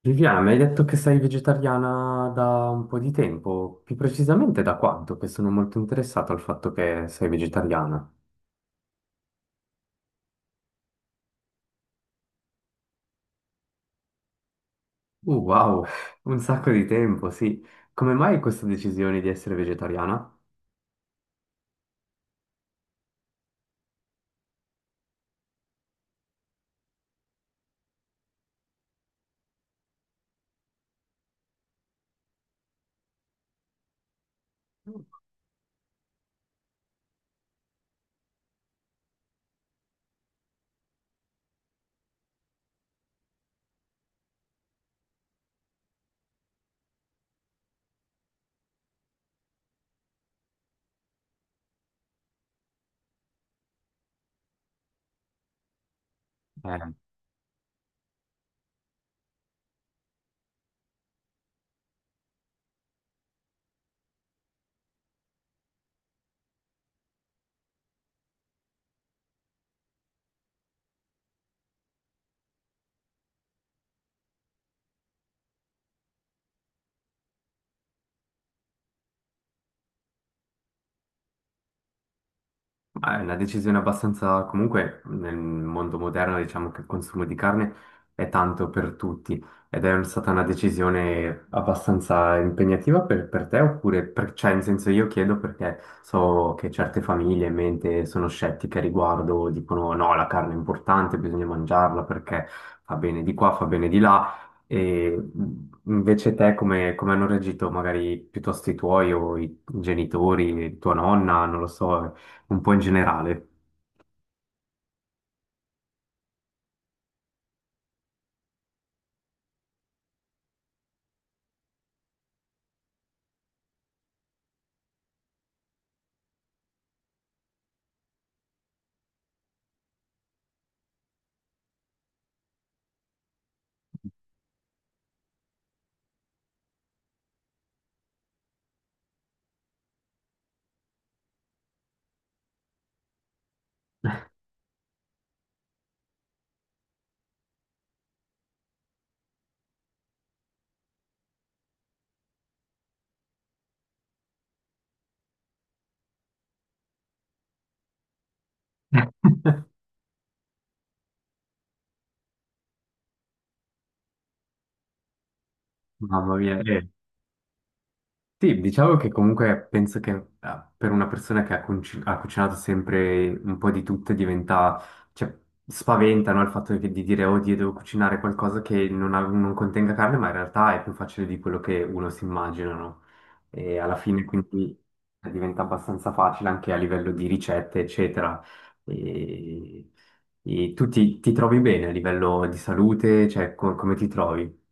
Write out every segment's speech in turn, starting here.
Viviana, mi hai detto che sei vegetariana da un po' di tempo, più precisamente da quanto? Che sono molto interessato al fatto che sei vegetariana. Wow, un sacco di tempo, sì. Come mai questa decisione di essere vegetariana? Eh, Ma è una decisione abbastanza, comunque nel mondo moderno diciamo che il consumo di carne è tanto per tutti ed è stata una decisione abbastanza impegnativa per te oppure, per- cioè in senso io chiedo perché so che certe famiglie in mente sono scettiche a riguardo, dicono no, la carne è importante, bisogna mangiarla perché fa bene di qua, fa bene di là e invece te come, come hanno reagito magari piuttosto i tuoi o i genitori, tua nonna, non lo so un po' in generale. Mamma mia, eh. Sì, diciamo che comunque penso che per una persona che ha, conci- ha cucinato sempre un po' di tutto diventa, cioè, spaventa, no, il fatto che- di dire, oddio, devo cucinare qualcosa che non, ha- non contenga carne, ma in realtà è più facile di quello che uno si immagina, no? E alla fine quindi diventa abbastanza facile anche a livello di ricette, eccetera. E, e tu ti, ti trovi bene a livello di salute? Cioè, co- come ti trovi?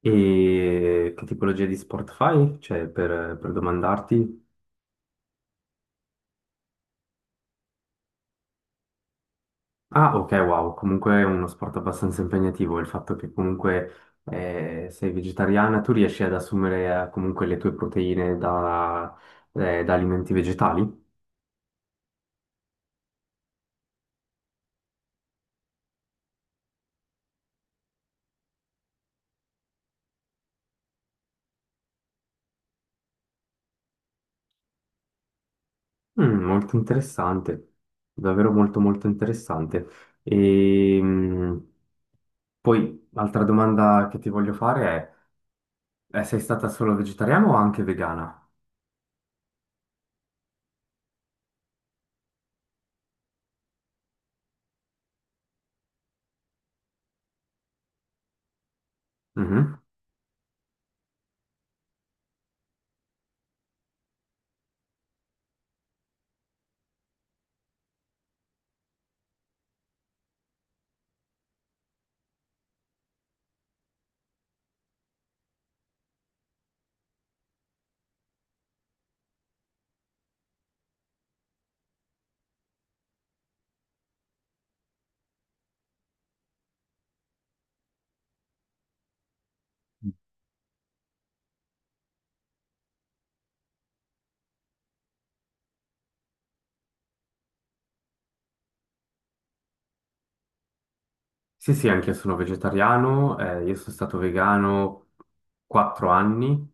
E che tipologia di sport fai? Cioè, per domandarti. Ah, ok, wow, comunque è uno sport abbastanza impegnativo. Il fatto che comunque sei vegetariana, tu riesci ad assumere comunque le tue proteine da, da alimenti vegetali? Molto interessante, davvero molto molto interessante. E poi, altra domanda che ti voglio fare è, sei stata solo vegetariana o anche vegana? Mhm. Sì, sì, anche io sono vegetariano, io sono stato vegano 4 anni,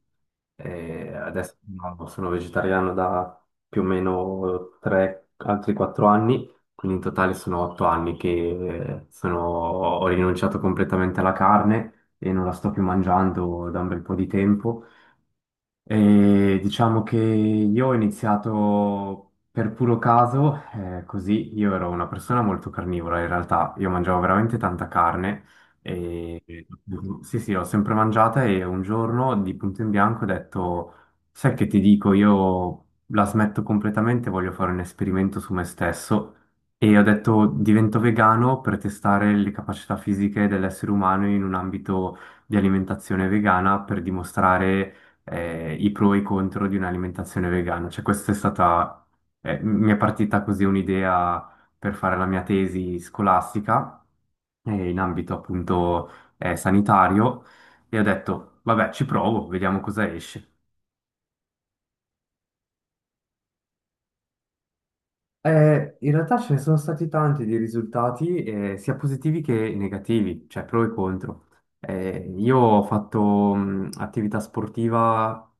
adesso no, sono vegetariano da più o meno tre, altri 4 anni, quindi in totale sono 8 anni che ho rinunciato completamente alla carne e non la sto più mangiando da un bel po' di tempo. E diciamo che io ho iniziato per puro caso, così io ero una persona molto carnivora, in realtà io mangiavo veramente tanta carne e sì, sì, sì, l'ho sempre mangiata e un giorno di punto in bianco ho detto, sai che ti dico, io la smetto completamente, voglio fare un esperimento su me stesso e ho detto divento vegano per testare le capacità fisiche dell'essere umano in un ambito di alimentazione vegana per dimostrare i pro e i contro di un'alimentazione vegana. Cioè, questa è stata, mi è partita così un'idea per fare la mia tesi scolastica, in ambito appunto, sanitario, e ho detto, vabbè, ci provo, vediamo cosa esce. In realtà ce ne sono stati tanti di risultati, sia positivi che negativi, cioè pro e contro. Io ho fatto attività sportiva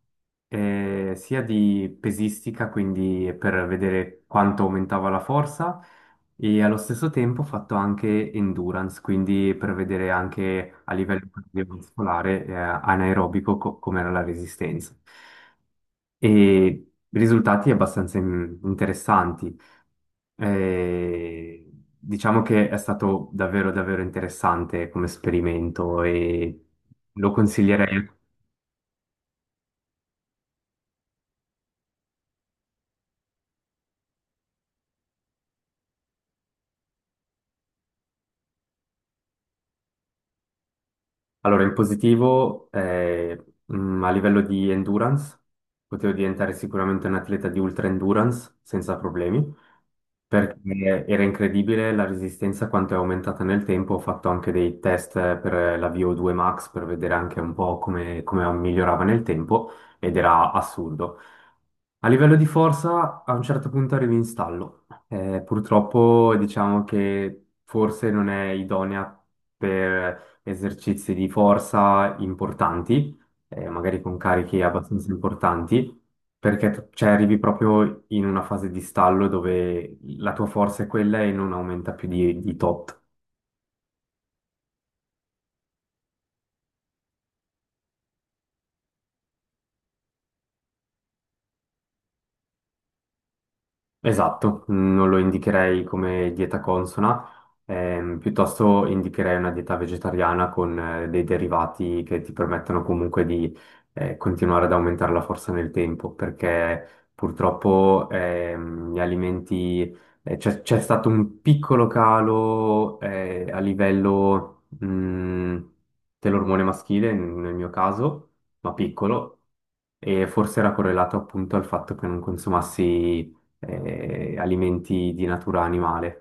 sia di pesistica, quindi per vedere quanto aumentava la forza, e allo stesso tempo ho fatto anche endurance, quindi per vedere anche a livello cardiovascolare, anaerobico co- com'era la resistenza. E risultati abbastanza interessanti. Eh, diciamo che è stato davvero, davvero interessante come esperimento e lo consiglierei. Allora, in positivo, a livello di endurance, potevo diventare sicuramente un atleta di ultra endurance senza problemi, perché era incredibile la resistenza quanto è aumentata nel tempo. Ho fatto anche dei test per la VO2 Max per vedere anche un po' come, come migliorava nel tempo ed era assurdo. A livello di forza, a un certo punto arrivi in stallo. Purtroppo diciamo che forse non è idonea per esercizi di forza importanti, magari con carichi abbastanza importanti, perché tu- cioè, arrivi proprio in una fase di stallo dove la tua forza è quella e non aumenta più di tot. Esatto, non lo indicherei come dieta consona, piuttosto indicherei una dieta vegetariana con dei derivati che ti permettano comunque di continuare ad aumentare la forza nel tempo, perché purtroppo gli alimenti, c'è stato un piccolo calo a livello dell'ormone maschile, nel mio caso, ma piccolo e forse era correlato appunto al fatto che non consumassi alimenti di natura animale.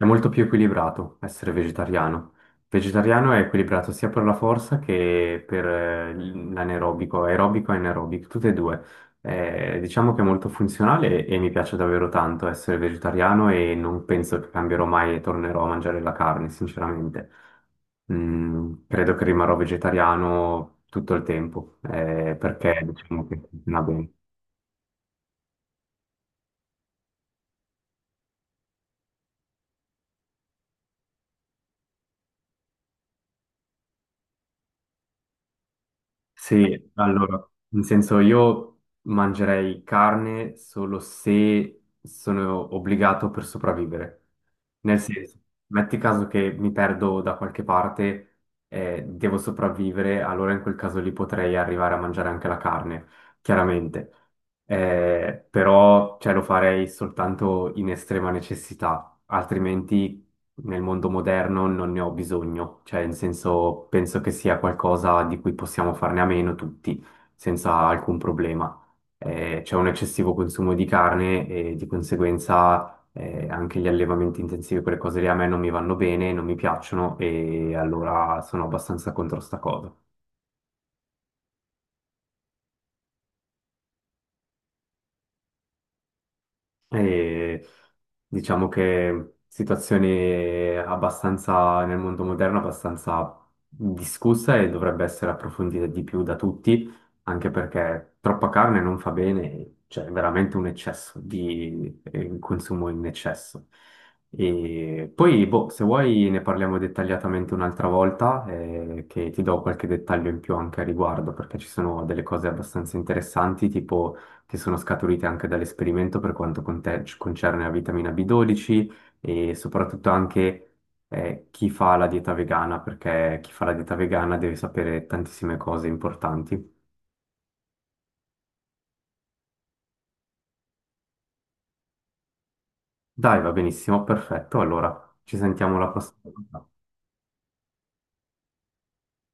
È molto più equilibrato essere vegetariano. Vegetariano è equilibrato sia per la forza che per l'anaerobico, aerobico e anaerobico, tutte e due. Diciamo che è molto funzionale e mi piace davvero tanto essere vegetariano e non penso che cambierò mai e tornerò a mangiare la carne, sinceramente. Credo che rimarrò vegetariano tutto il tempo, perché diciamo che funziona bene. Sì, allora, in senso io mangerei carne solo se sono obbligato per sopravvivere. Nel senso, metti caso che mi perdo da qualche parte e devo sopravvivere, allora in quel caso lì potrei arrivare a mangiare anche la carne, chiaramente. Però cioè, lo farei soltanto in estrema necessità, altrimenti nel mondo moderno non ne ho bisogno, cioè in senso penso che sia qualcosa di cui possiamo farne a meno tutti, senza alcun problema. C'è un eccessivo consumo di carne e di conseguenza anche gli allevamenti intensivi, quelle cose lì a me non mi vanno bene, non mi piacciono e allora sono abbastanza contro sta cosa. E diciamo che situazione abbastanza nel mondo moderno, abbastanza discussa e dovrebbe essere approfondita di più da tutti, anche perché troppa carne non fa bene, cioè è veramente un eccesso di un consumo in eccesso. E poi, boh, se vuoi ne parliamo dettagliatamente un'altra volta, che ti do qualche dettaglio in più anche a riguardo, perché ci sono delle cose abbastanza interessanti, tipo che sono scaturite anche dall'esperimento per quanto conte- concerne la vitamina B12 e soprattutto anche chi fa la dieta vegana, perché chi fa la dieta vegana deve sapere tantissime cose importanti. Dai, va benissimo, perfetto. Allora, ci sentiamo la prossima volta.